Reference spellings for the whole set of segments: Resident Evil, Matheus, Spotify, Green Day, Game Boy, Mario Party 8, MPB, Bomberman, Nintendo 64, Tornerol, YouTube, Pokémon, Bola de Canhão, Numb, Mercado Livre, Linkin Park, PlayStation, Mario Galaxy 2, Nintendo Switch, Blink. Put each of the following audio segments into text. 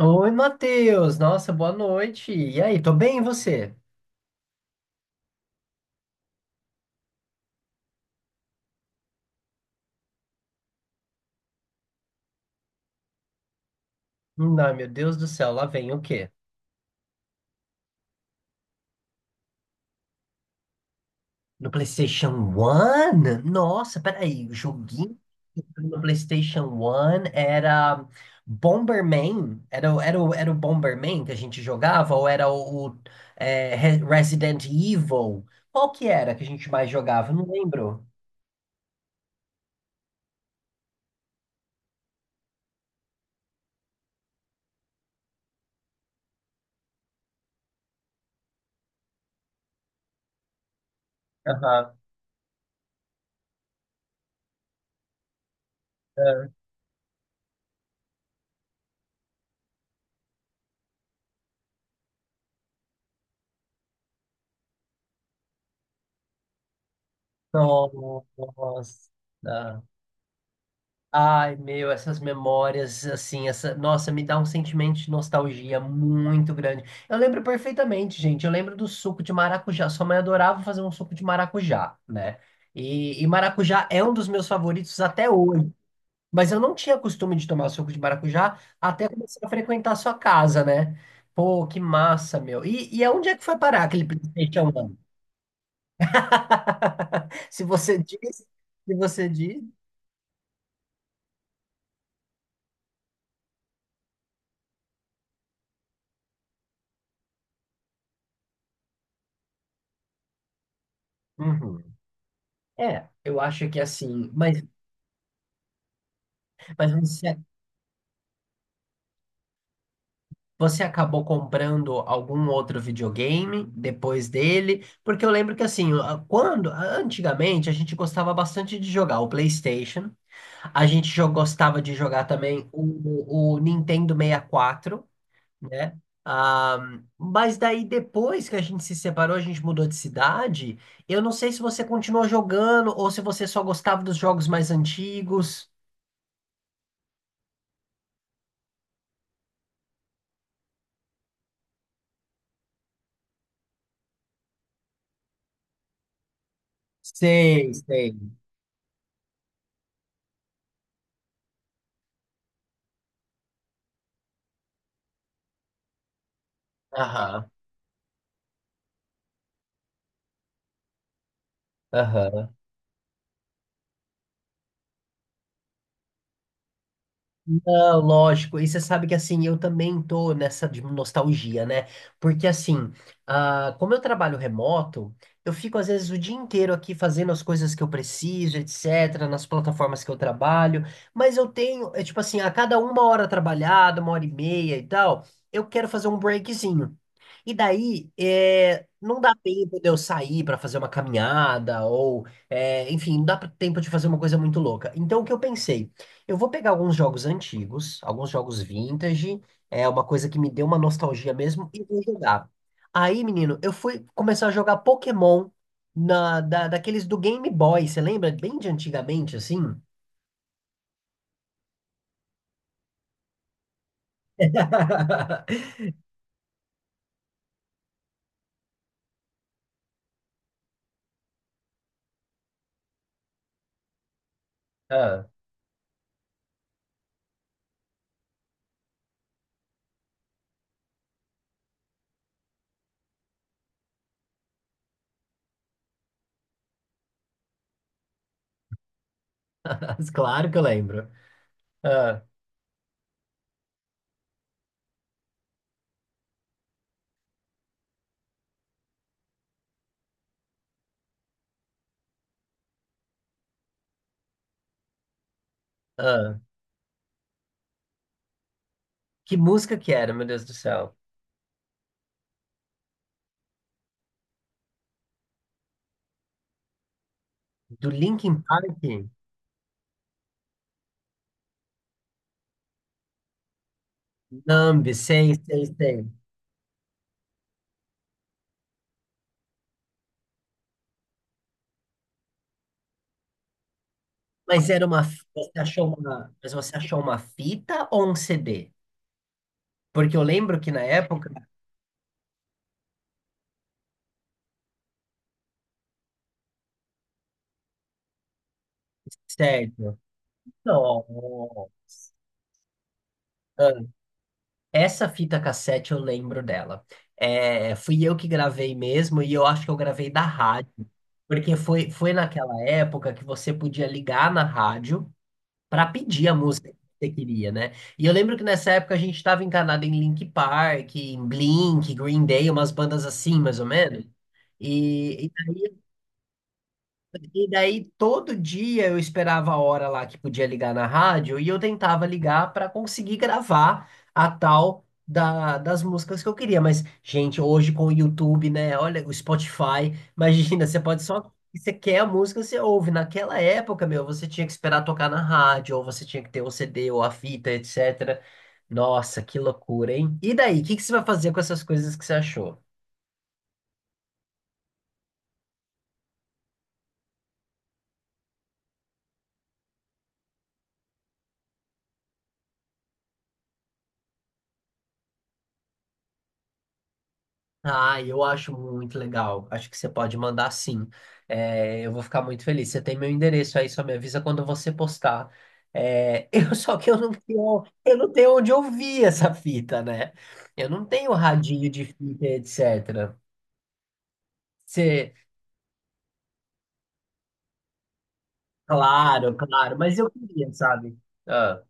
Oi, Matheus! Nossa, boa noite! E aí, tô bem, e você? Não, meu Deus do céu, lá vem o quê? No PlayStation One? Nossa, peraí, o joguinho que foi no PlayStation One era Bomberman? Era o Bomberman que a gente jogava? Ou era o Resident Evil? Qual que era que a gente mais jogava? Eu não lembro. Aham. Nossa. Ai, meu, essas memórias, assim, essa, nossa, me dá um sentimento de nostalgia muito grande. Eu lembro perfeitamente, gente. Eu lembro do suco de maracujá. Sua mãe adorava fazer um suco de maracujá, né? E maracujá é um dos meus favoritos até hoje. Mas eu não tinha costume de tomar suco de maracujá até começar a frequentar a sua casa, né? Pô, que massa, meu. E aonde é que foi parar aquele PlayStation 1? Se você diz, se você diz. Uhum. É, eu acho que assim, Mas você acabou comprando algum outro videogame depois dele? Porque eu lembro que assim, quando antigamente a gente gostava bastante de jogar o PlayStation, a gente gostava de jogar também o Nintendo 64, né? Ah, mas daí depois que a gente se separou, a gente mudou de cidade. Eu não sei se você continuou jogando ou se você só gostava dos jogos mais antigos. Sei, sei. Aham, aham. Não, lógico. E você sabe que assim, eu também tô nessa de nostalgia, né? Porque assim, como eu trabalho remoto, eu fico às vezes o dia inteiro aqui fazendo as coisas que eu preciso, etc., nas plataformas que eu trabalho, mas eu tenho, é tipo assim, a cada uma hora trabalhada, uma hora e meia e tal, eu quero fazer um breakzinho. E daí, não dá tempo de eu sair para fazer uma caminhada, ou, enfim, não dá tempo de fazer uma coisa muito louca. Então, o que eu pensei? Eu vou pegar alguns jogos antigos, alguns jogos vintage, é uma coisa que me deu uma nostalgia mesmo, e vou jogar. Aí, menino, eu fui começar a jogar Pokémon daqueles do Game Boy, você lembra? Bem de antigamente, assim? Ah, claro que eu lembro. Ah, ah. Que música que era, meu Deus do céu? Do Linkin Park? Numb, sei, sei, sei. Mas era uma, fi- você achou uma, mas Você achou uma fita ou um CD? Porque eu lembro que na época. Certo. Não. Ah, essa fita cassete eu lembro dela. É, fui eu que gravei mesmo e eu acho que eu gravei da rádio, porque foi naquela época que você podia ligar na rádio para pedir a música que você queria, né? E eu lembro que nessa época a gente estava encanado em Linkin Park, em Blink, Green Day, umas bandas assim, mais ou menos. E, e E daí todo dia eu esperava a hora lá que podia ligar na rádio e eu tentava ligar para conseguir gravar a tal das músicas que eu queria. Mas, gente, hoje com o YouTube, né? Olha, o Spotify, imagina, você pode só. Você quer a música, você ouve. Naquela época, meu, você tinha que esperar tocar na rádio, ou você tinha que ter o CD ou a fita, etc. Nossa, que loucura, hein? E daí, o que que você vai fazer com essas coisas que você achou? Ah, eu acho muito legal. Acho que você pode mandar sim. É, eu vou ficar muito feliz. Você tem meu endereço aí, só me avisa quando você postar. Eu só que eu não tenho onde ouvir essa fita, né? Eu não tenho radinho de fita, etc. Você, Claro, claro, mas eu queria, sabe? Ah,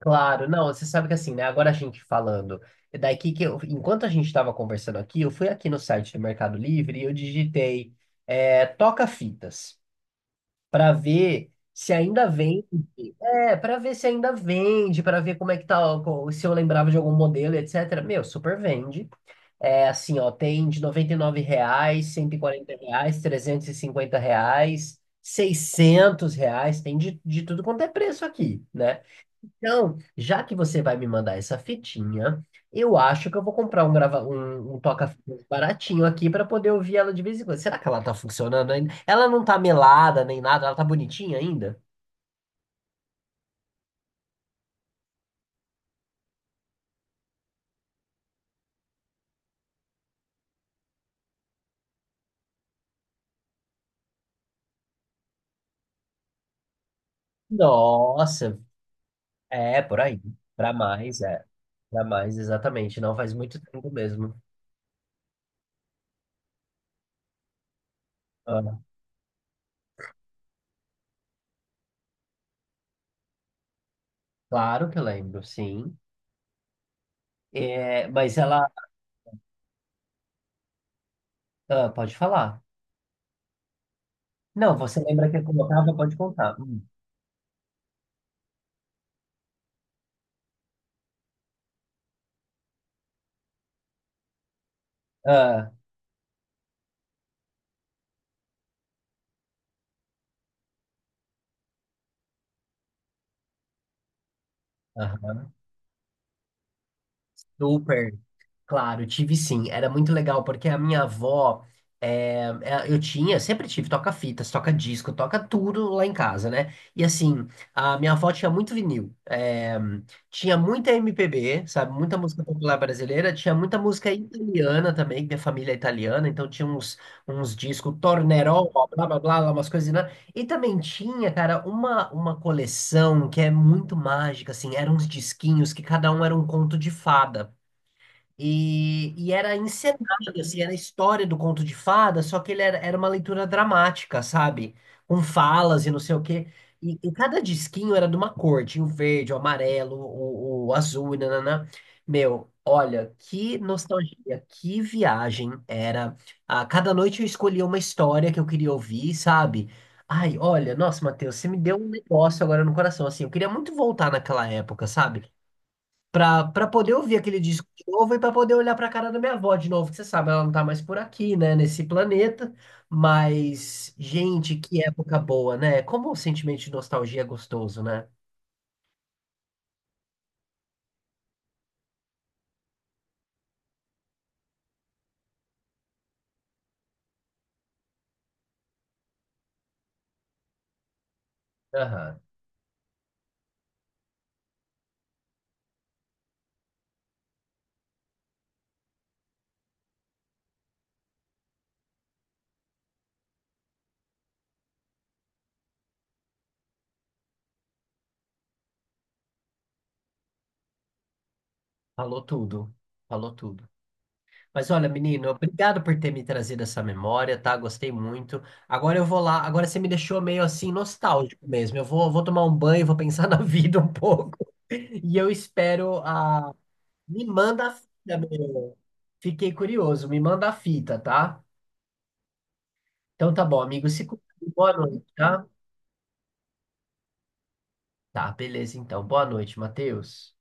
claro, não, você sabe que assim, né? Agora a gente falando. Daqui que eu, enquanto a gente estava conversando aqui, eu fui aqui no site do Mercado Livre e eu digitei toca-fitas para ver se ainda vende. É, para ver se ainda vende, para ver como é que tá, se eu lembrava de algum modelo, etc. Meu, super vende. É assim, ó, tem de R$ 99, R$ 140, R$ 350, R$ 600, tem de tudo quanto é preço aqui, né? Então, já que você vai me mandar essa fitinha, eu acho que eu vou comprar um toca-fitas baratinho aqui para poder ouvir ela de vez em quando. Será que ela tá funcionando ainda? Ela não tá melada nem nada, ela tá bonitinha ainda? Nossa, é por aí. Pra mais, é. Pra mais, exatamente. Não faz muito tempo mesmo. Ah, claro que eu lembro, sim. É, mas ela. Ah, pode falar. Não, você lembra que eu colocava? Pode contar. Hum. Ah, aham. Super. Claro, tive sim. Era muito legal porque a minha avó, sempre tive toca-fitas, toca-disco, toca tudo lá em casa, né? E assim, a minha avó tinha muito vinil, tinha muita MPB, sabe? Muita música popular brasileira, tinha muita música italiana também, que minha família é italiana, então tinha uns, discos, Tornerol, blá blá blá, blá, umas coisas, né? E também tinha, cara, uma coleção que é muito mágica, assim, eram uns disquinhos que cada um era um conto de fada. E era encenado, assim, era a história do conto de fada, só que ele era, era uma leitura dramática, sabe? Com falas e não sei o quê. E cada disquinho era de uma cor, tinha o verde, o amarelo, o azul, e nananã. Meu, olha, que nostalgia, que viagem era. A cada noite eu escolhia uma história que eu queria ouvir, sabe? Ai, olha, nossa, Matheus, você me deu um negócio agora no coração, assim, eu queria muito voltar naquela época, sabe? Pra poder ouvir aquele disco de novo e pra poder olhar pra cara da minha avó de novo, que você sabe, ela não tá mais por aqui, né, nesse planeta. Mas, gente, que época boa, né? Como o sentimento de nostalgia é gostoso, né? Aham. Falou tudo. Falou tudo. Mas olha, menino, obrigado por ter me trazido essa memória, tá? Gostei muito. Agora eu vou lá. Agora você me deixou meio assim nostálgico mesmo. Eu vou tomar um banho, vou pensar na vida um pouco. E eu espero a. Me manda a fita, meu. Fiquei curioso, me manda a fita, tá? Então tá bom, amigo, se cuida. Boa noite, tá? Tá, beleza então. Boa noite, Matheus.